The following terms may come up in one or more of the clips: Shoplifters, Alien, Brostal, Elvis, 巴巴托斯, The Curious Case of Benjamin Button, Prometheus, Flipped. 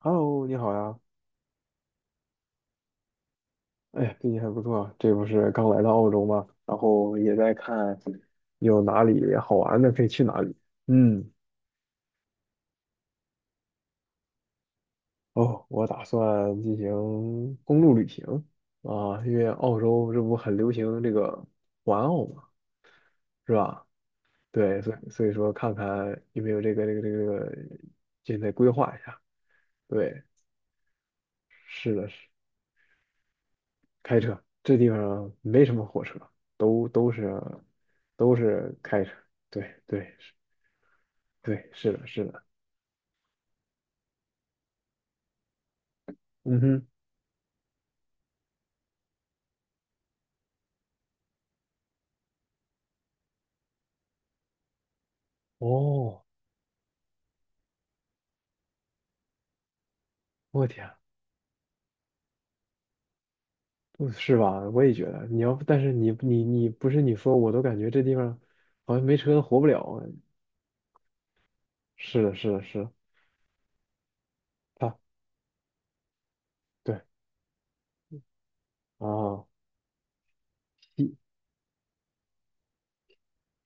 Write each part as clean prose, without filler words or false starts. Hello，你好呀！哎，最近还不错啊，这不是刚来到澳洲吗？然后也在看有哪里好玩的可以去哪里。嗯，哦，我打算进行公路旅行啊，因为澳洲这不很流行这个环澳嘛，是吧？对，所以说看看有没有这个，现在规划一下。对，是的，是。开车，这地方没什么火车，都是都是开车。对对是对，是的，是的。嗯哼，哦，我天，不是吧？我也觉得，你要但是你不是你说，我都感觉这地方好像没车活不了啊是的，是的，是的，它对啊，悉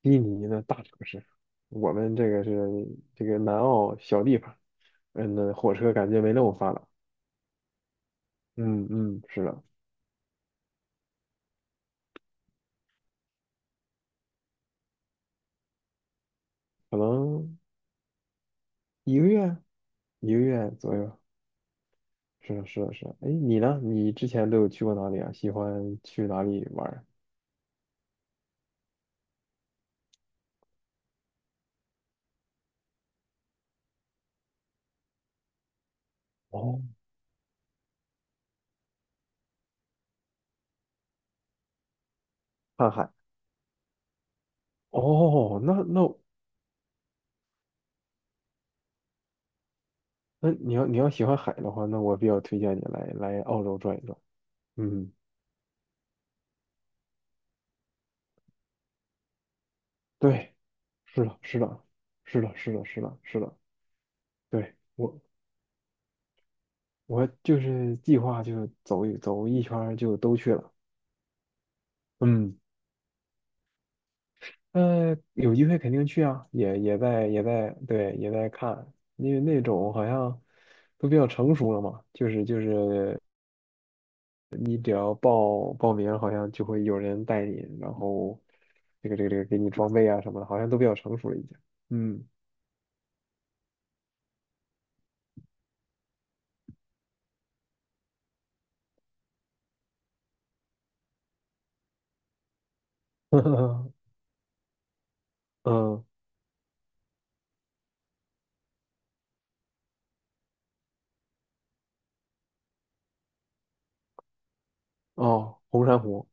悉尼的大城市，我们这个是这个南澳小地方，嗯，那火车感觉没那么发达。嗯嗯，是的，可能。一个月，一个月左右。是的，是的，是的。哎，你呢？你之前都有去过哪里啊？喜欢去哪里玩儿？哦，看海。哦，那那那你要你要喜欢海的话，那我比较推荐你来澳洲转一转。嗯，对，是的，是的，是的，是的，是的，是的。对，我我就是计划就走一圈儿就都去了。嗯。有机会肯定去啊，也也在也在对也在看，因为那种好像都比较成熟了嘛，就是就是你只要报名，好像就会有人带你，然后这个给你装备啊什么的，好像都比较成熟了已经。嗯，嗯哦，红珊瑚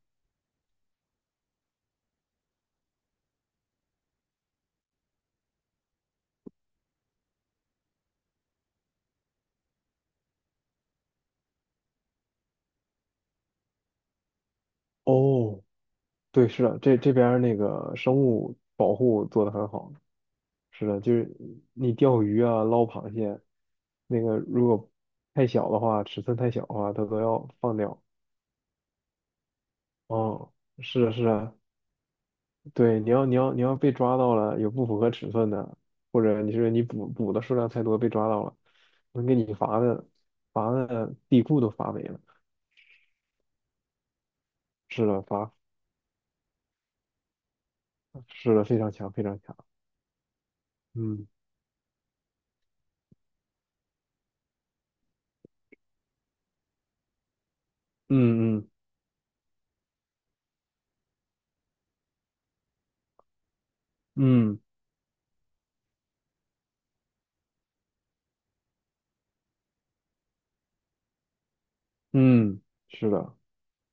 哦，对，是的，这这边儿那个生物保护做得很好。是的，就是你钓鱼啊、捞螃蟹，那个如果太小的话，尺寸太小的话，它都要放掉。哦，是的，是的，对，你要被抓到了，有不符合尺寸的，或者你是你捕的数量太多被抓到了，能给你罚的罚的地库都罚没了。是的，罚是的，非常强，非常强。嗯嗯嗯嗯嗯，是的。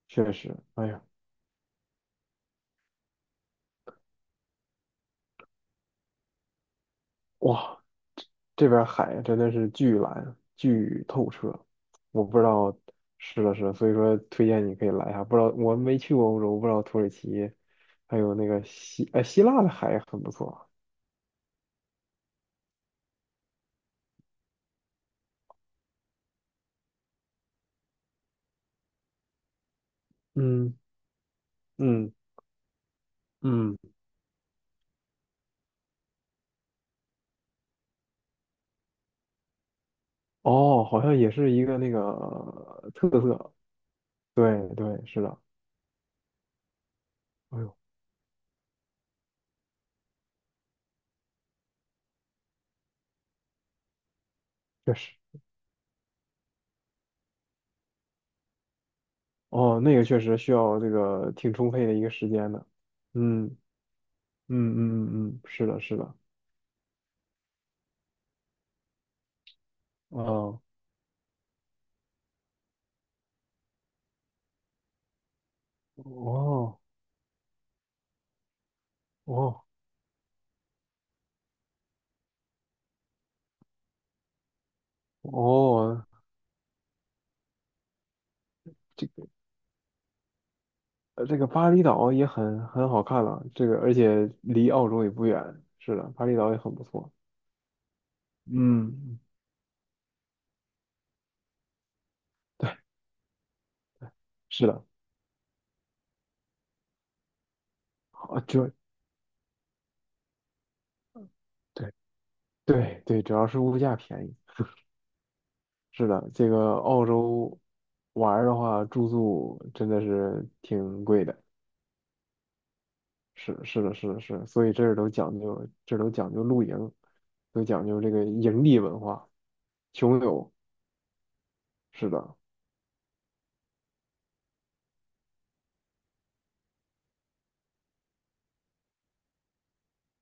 确实，哎呀，哇，这边海真的是巨蓝巨透彻，我不知道是了是，所以说推荐你可以来一下。不知道我没去过欧洲，不知道土耳其还有那个希希腊的海也很不错。嗯嗯嗯，哦，好像也是一个那个特色。对对，是的。哎呦，确实，哦，那个确实需要这个挺充沛的一个时间的。嗯嗯嗯嗯嗯，是的，是的。哦。哦哦哦，这个这个巴厘岛也很很好看了，这个而且离澳洲也不远。是的，巴厘岛也很不错。嗯，是的，啊，主对对对，主要是物价便宜。是的，这个澳洲玩儿的话，住宿真的是挺贵的。是是的，是的，是的所以这儿都讲究，这儿都讲究露营，都讲究这个营地文化。穷游，是的，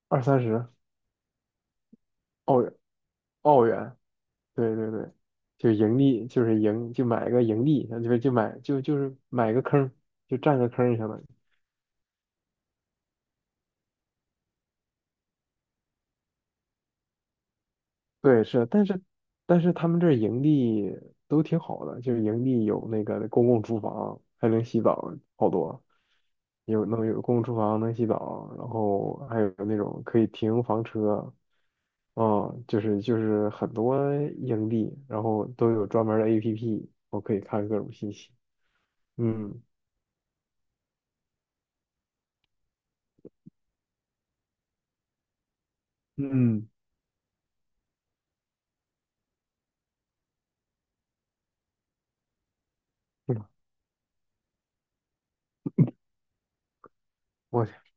二三十澳澳元，对对对，就盈利，就是盈，就买个盈利，就就买就就是买个坑，就占个坑，相当于。对，是，但是但是他们这儿盈利都挺好的，就是盈利有那个公共厨房，还能洗澡，好多有能有公共厨房能洗澡，然后还有那种可以停房车，嗯，就是就是很多盈利，然后都有专门儿的 APP,我可以看各种信息，嗯嗯。我天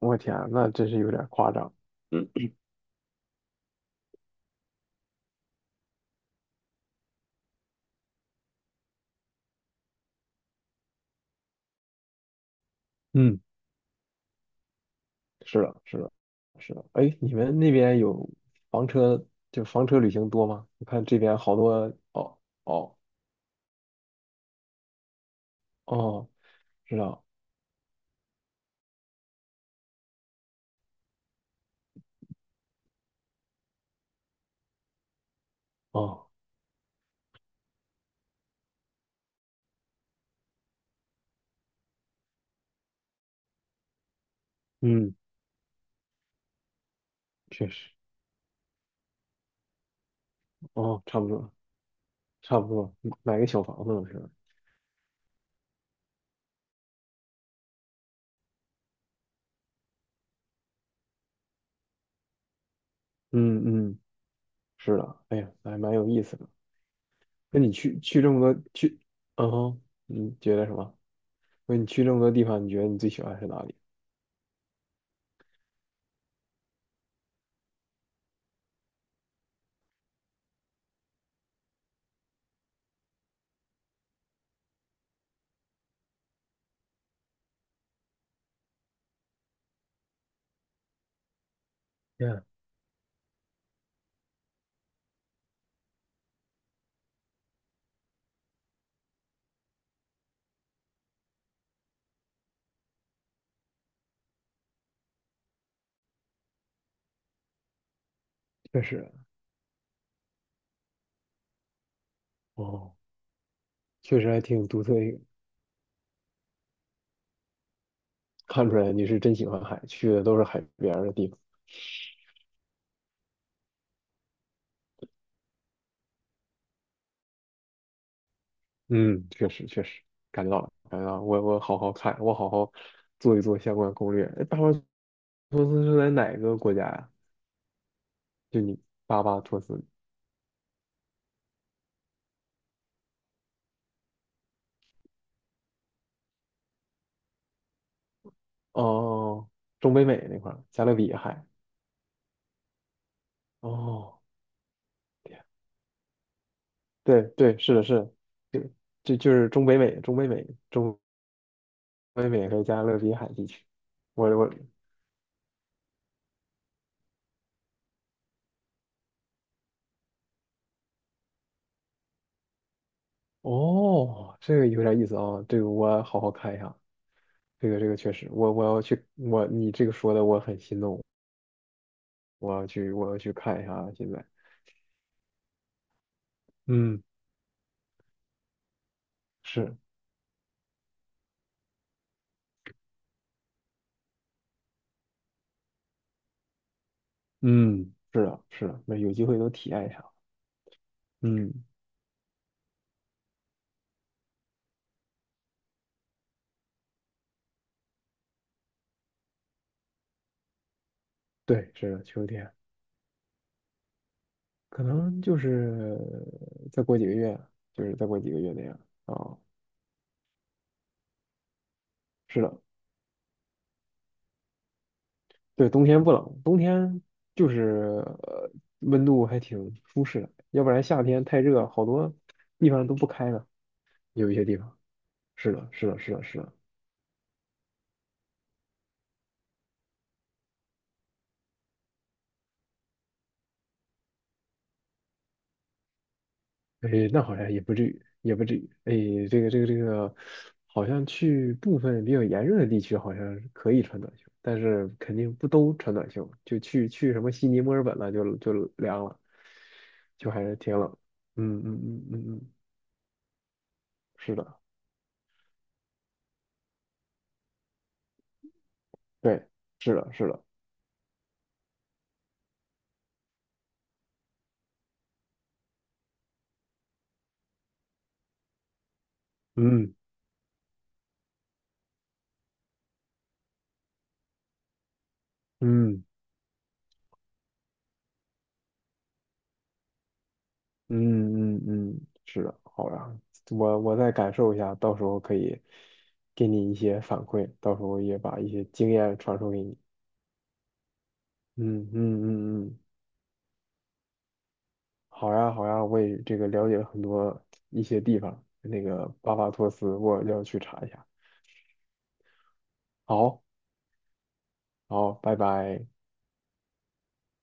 我天，那真是有点夸张。嗯，是的，是的，是的。哎，你们那边有房车，就房车旅行多吗？我看这边好多，哦哦哦，知道，哦，嗯确实，哦，差不多，差不多，嗯买个小房子了是吧嗯嗯，是的，哎呀，还蛮有意思的。那你去去这么多去，嗯哼，你觉得什么？那你去这么多地方，你觉得你最喜欢是哪里？嗯，确实，哦，确实还挺独特一个。看出来你是真喜欢海，去的都是海边儿的地方。嗯，确实确实，感觉到了，感觉到了我我好好看，我好好做一做相关攻略。哎，巴巴托斯是在哪个国家呀？就你巴巴托斯哦，中北美那块儿，加勒比海。哦，天对对，是的，是的，就就就是中北美，中北美，中北美和加勒比海地区。我我哦，这个有点意思啊，这个我好好看一下。这个这个确实，我我要去，我你这个说的我很心动，我要去我要去看一下啊。现在，嗯是嗯是的，是的，那有机会都体验一下。嗯，对，是的，秋天可能就是再过几个月，就是再过几个月那样啊。是的，对，冬天不冷，冬天就是呃温度还挺舒适的，要不然夏天太热，好多地方都不开了，有一些地方。是的，是的，是的，是的。哎，那好像也不至于，也不至于。哎，这个这个这个，好像去部分比较炎热的地区，好像是可以穿短袖，但是肯定不都穿短袖。就去去什么悉尼、墨尔本了，就就凉了，就还是挺冷。嗯嗯嗯嗯嗯，是的，对，是的，是的，嗯嗯嗯嗯嗯，是的。好呀，我我再感受一下，到时候可以给你一些反馈，到时候也把一些经验传授给你。嗯嗯嗯嗯。好呀，好呀，我也这个了解了很多一些地方，那个巴巴托斯，我要去查一下。好，好，拜拜。